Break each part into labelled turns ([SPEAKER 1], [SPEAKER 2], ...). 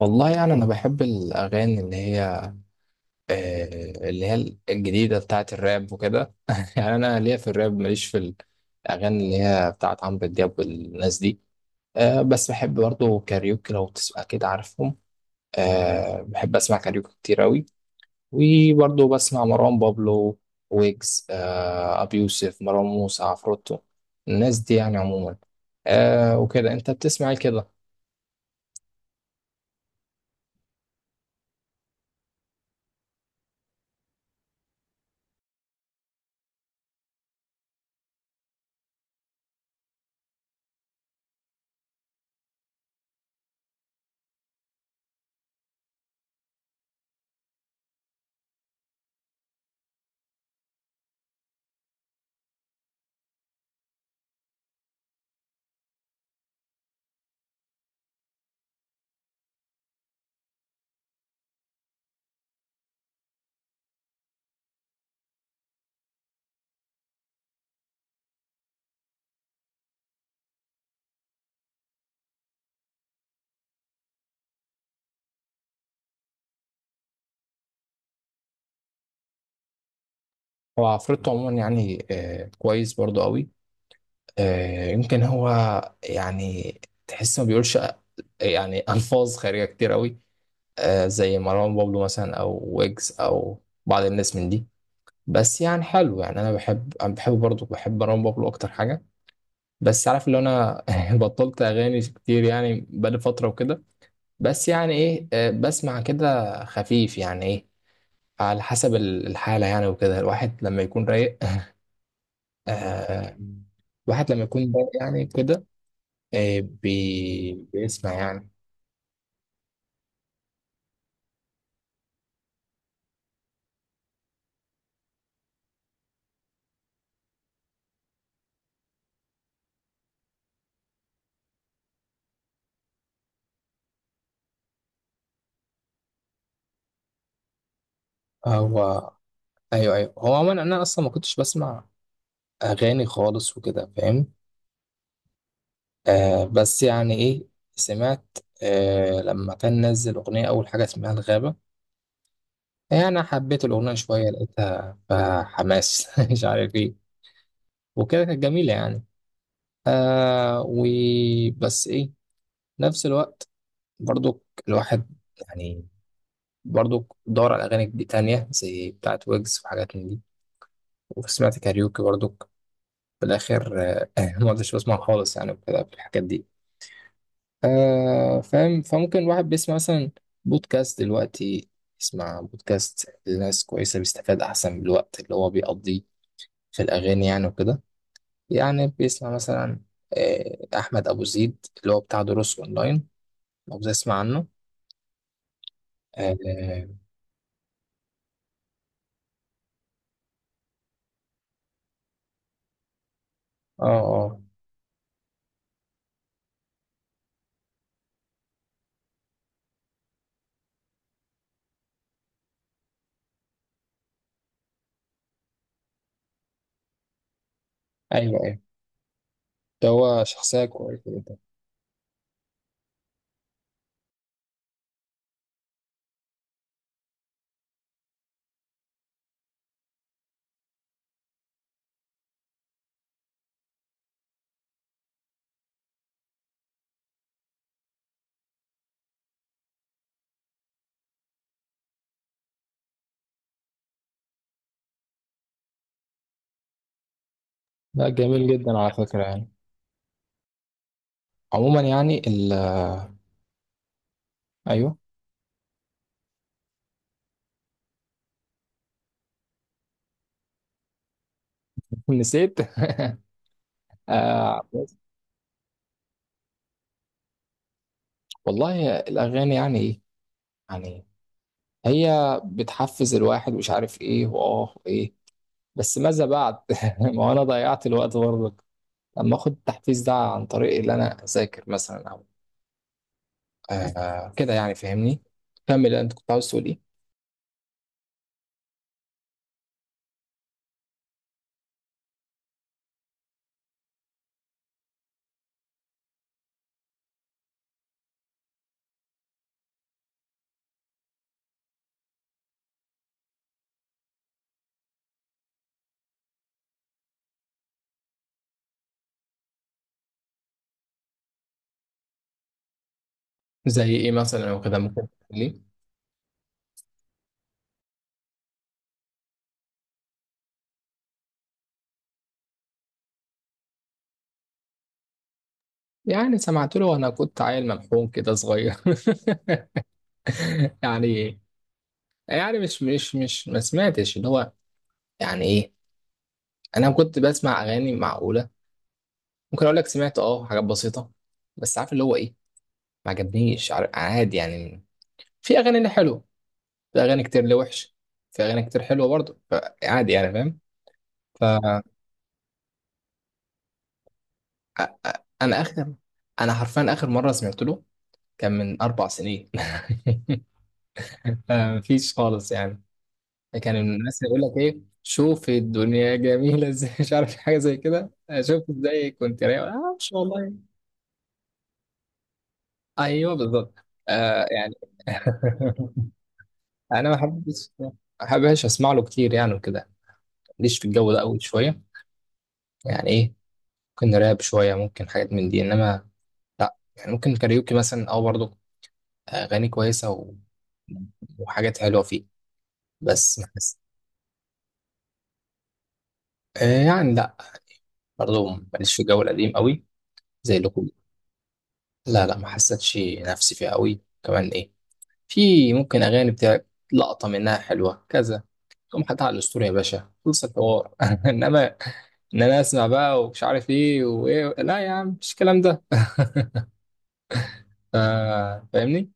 [SPEAKER 1] والله يعني انا بحب الاغاني اللي هي آه، اللي هي الجديده بتاعت الراب وكده يعني انا ليا في الراب ماليش في الاغاني اللي هي بتاعت عمرو دياب والناس دي. بس بحب برضه كاريوكي لو تسمع كده عارفهم. بحب اسمع كاريوكي كتير اوي، وبرضه بسمع مروان بابلو ويجز ابي يوسف مروان موسى عفروتو، الناس دي يعني عموما. وكده انت بتسمع إيه كده؟ هو عفروتو عموما يعني كويس برضه قوي. يمكن هو يعني تحس ما بيقولش يعني ألفاظ خارجة كتير قوي، زي مروان بابلو مثلا أو ويجز أو بعض الناس من دي. بس يعني حلو يعني أنا بحب برضه بحب مروان بابلو أكتر حاجة. بس عارف اللي أنا بطلت أغاني كتير يعني بقالي فترة وكده. بس يعني إيه، بسمع كده خفيف يعني إيه على حسب الحالة يعني، وكده الواحد لما يكون رايق. آه، يعني كده بيسمع يعني. هو ايوه ايوه، هو عموما انا اصلا ما كنتش بسمع اغاني خالص وكده، فاهم؟ بس يعني ايه، سمعت لما كان نزل اغنيه اول حاجه اسمها الغابه، يعني حبيت الاغنيه شويه، لقيتها فحماس مش عارف ايه، وكده كانت جميله يعني. وبس ايه، نفس الوقت برضو الواحد يعني برضو دور على اغاني دي تانية زي بتاعت ويجز وحاجات من دي، وسمعت كاريوكي برضو. في الاخر ما عدتش بسمع خالص يعني، وكده في الحاجات دي. فاهم؟ فممكن الواحد بيسمع مثلا بودكاست دلوقتي، يسمع بودكاست لناس كويسة، بيستفاد أحسن من الوقت اللي هو بيقضيه في الأغاني يعني وكده. يعني بيسمع مثلا أحمد أبو زيد، اللي هو بتاع دروس أونلاين، لو بتسمع عنه. آه آه. آه آه. أيوه أيوه، ده هو شخصية كويسة جدا. لا جميل جدا على فكرة يعني. عموما يعني ال آه، أيوه. نسيت. آه. والله الأغاني يعني إيه؟ يعني هي بتحفز الواحد، مش عارف إيه وإيه، بس ماذا بعد؟ ما هو أنا ضيعت الوقت برضك لما آخد التحفيز ده عن طريق اللي أنا أذاكر مثلا أو كده، يعني فاهمني؟ كمل أنت، كنت عاوز تقول إيه؟ زي إيه مثلا أو كده، ممكن ليه؟ يعني سمعت له وأنا كنت عيل ممحون كده صغير يعني. يعني مش ما سمعتش اللي هو يعني إيه؟ أنا كنت بسمع أغاني معقولة. ممكن اقول لك سمعت حاجات بسيطه، بس عارف اللي هو ايه، ما عجبنيش. عادي يعني، في اغاني اللي حلوه، في اغاني كتير اللي وحش، في اغاني كتير حلوه برضه، عادي يعني، فاهم؟ ف أ- أ- انا اخر انا حرفيا اخر مره سمعت له كان من اربع سنين. مفيش خالص يعني. كان الناس يقول لك ايه، شوف الدنيا جميله ازاي، مش عارف حاجه زي كده. شوف ازاي كنت رايق، ما شاء الله يعني. ايوه بالظبط. يعني. انا ما بحبش اسمع له كتير يعني وكده، ماليش في الجو ده قوي شويه. يعني ايه، ممكن راب شويه، ممكن حاجات من دي، انما لا يعني. ممكن كاريوكي مثلا، او برضه اغاني كويسه و... وحاجات حلوه فيه، بس ما حس... يعني لا، برضه ماليش في الجو القديم قوي زي لكم. لا لا، ما حسيتش نفسي فيه قوي كمان ايه. في ممكن اغاني بتاع لقطه منها حلوه كذا، تقوم حاططها على الاسطوري يا باشا، خلص الحوار. انما ان انا اسمع بقى ومش عارف ايه وايه، لا يا عم مش الكلام ده، فاهمني؟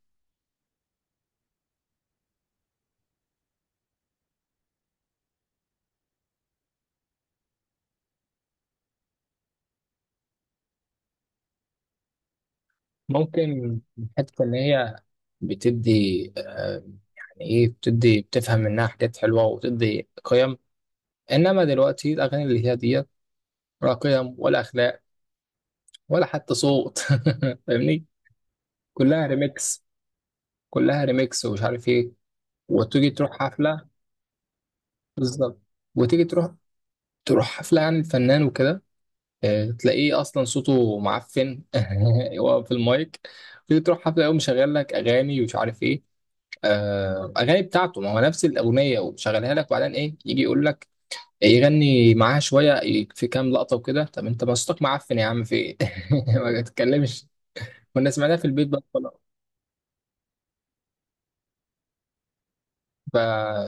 [SPEAKER 1] ممكن حتة ان هي بتدي يعني ايه، بتدي بتفهم منها حاجات حلوه وبتدي قيم، انما دلوقتي الاغاني اللي هي ديت ولا قيم، ولا اخلاق، ولا حتى صوت. فاهمني؟ كلها ريميكس، كلها ريميكس ومش عارف ايه. وتيجي تروح حفله، بالظبط، وتيجي تروح حفله عن الفنان وكده، تلاقيه اصلا صوته معفن هو في المايك. تيجي تروح حفله، يقوم مشغل لك اغاني ومش عارف ايه، اغاني بتاعته، ما هو نفس الاغنيه ومشغلها لك، وبعدين ايه يجي يقول لك يغني معاها شويه في كام لقطه وكده. طب انت ما صوتك معفن يا عم، في ايه؟ ما تتكلمش، كنا سمعناها في البيت بقى خلاص. ف-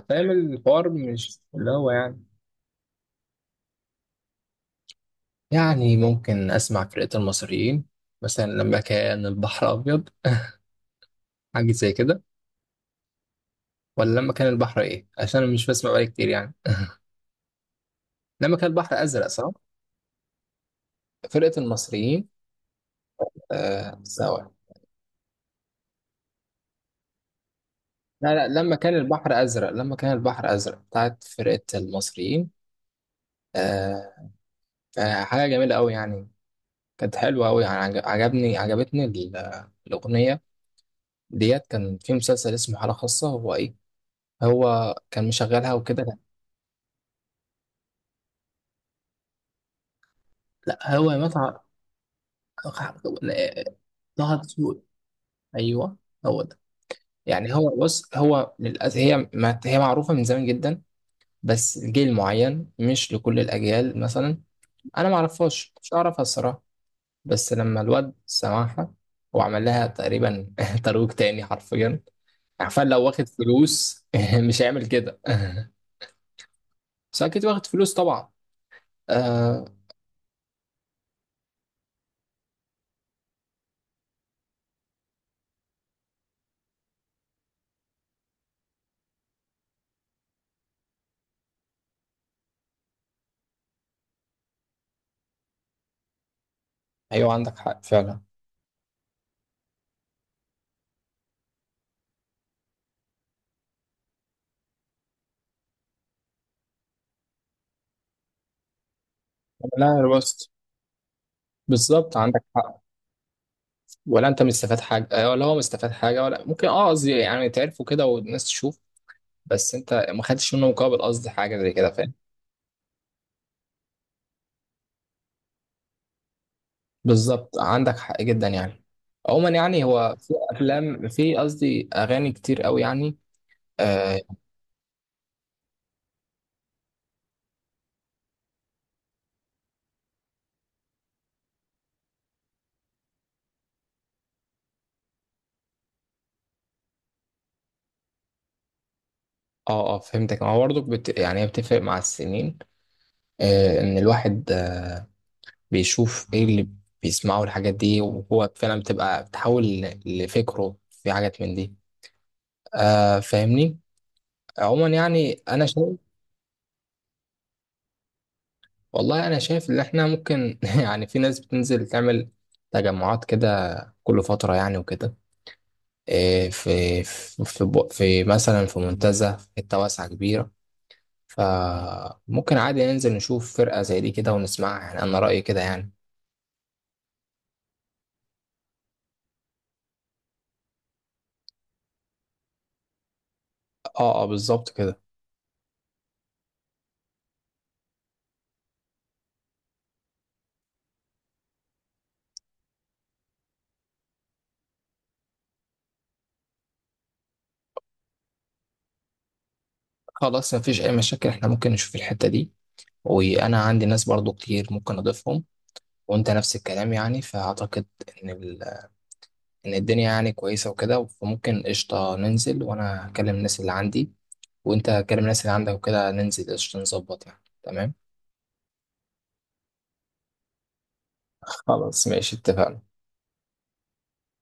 [SPEAKER 1] فاهم الحوار، مش اللي هو يعني. يعني ممكن اسمع فرقه المصريين مثلا، لما كان البحر ابيض حاجه زي كده، ولا لما كان البحر ايه، عشان أنا مش بسمع بقالي كتير يعني. لما كان البحر ازرق، صح؟ فرقة المصريين. آه سوا. لا لا، لما كان البحر ازرق، لما كان البحر ازرق بتاعت فرقة المصريين. آه. حاجة جميلة قوي يعني، كانت حلوة قوي يعني، عجب- عجبني عجبتني الأغنية ديت. كان في مسلسل اسمه حالة خاصة، هو ايه، هو كان مشغلها وكده، لا. لا، هو متعة. طه دسوقي. ايوه، هو ده. يعني هو بص، هو للأسف هي ما هي معروفة من زمان جدا، بس جيل معين، مش لكل الأجيال مثلا. أنا ما أعرفهاش، مش أعرفها الصراحة. بس لما الواد سمعها وعمل لها تقريبا ترويج تاني حرفيا. عارفين لو واخد فلوس مش هيعمل كده. بس أكيد واخد فلوس طبعا. آه. أيوه عندك حق فعلا. لا روست، بالظبط عندك حق. ولا أنت مستفاد حاجة، ولا هو مستفاد حاجة، ولا ممكن أه قصدي يعني تعرفوا كده، والناس تشوف. بس انت ما خدتش منه مقابل، قصدي حاجه زي كده، فاهم؟ بالظبط عندك حق جدا يعني. عموما يعني هو في افلام، في قصدي اغاني كتير قوي يعني. اه. اه. فهمتك. ما هو برضك يعني هي بتفرق مع السنين. ان الواحد بيشوف ايه اللي بيسمعه، الحاجات دي وهو فعلا بتبقى بتحول لفكره في حاجات من دي. فاهمني؟ عموما يعني انا شايف. والله انا شايف ان احنا ممكن يعني في ناس بتنزل تعمل تجمعات كده كل فترة يعني وكده. إيه، في في مثلا في منتزه، في حته واسعه كبيره، فممكن عادي ننزل نشوف فرقه زي دي كده ونسمعها، يعني انا رايي كده يعني. اه اه، بالظبط كده. خلاص، مفيش اي مشاكل. احنا ممكن نشوف الحته دي، وانا عندي ناس برضو كتير ممكن اضيفهم، وانت نفس الكلام يعني، فاعتقد ان ال... ان الدنيا يعني كويسه وكده. فممكن قشطه ننزل، وانا اكلم الناس اللي عندي، وانت كلم الناس اللي عندك، وكده ننزل قشطه، نظبط يعني، تمام. خلاص ماشي، اتفقنا.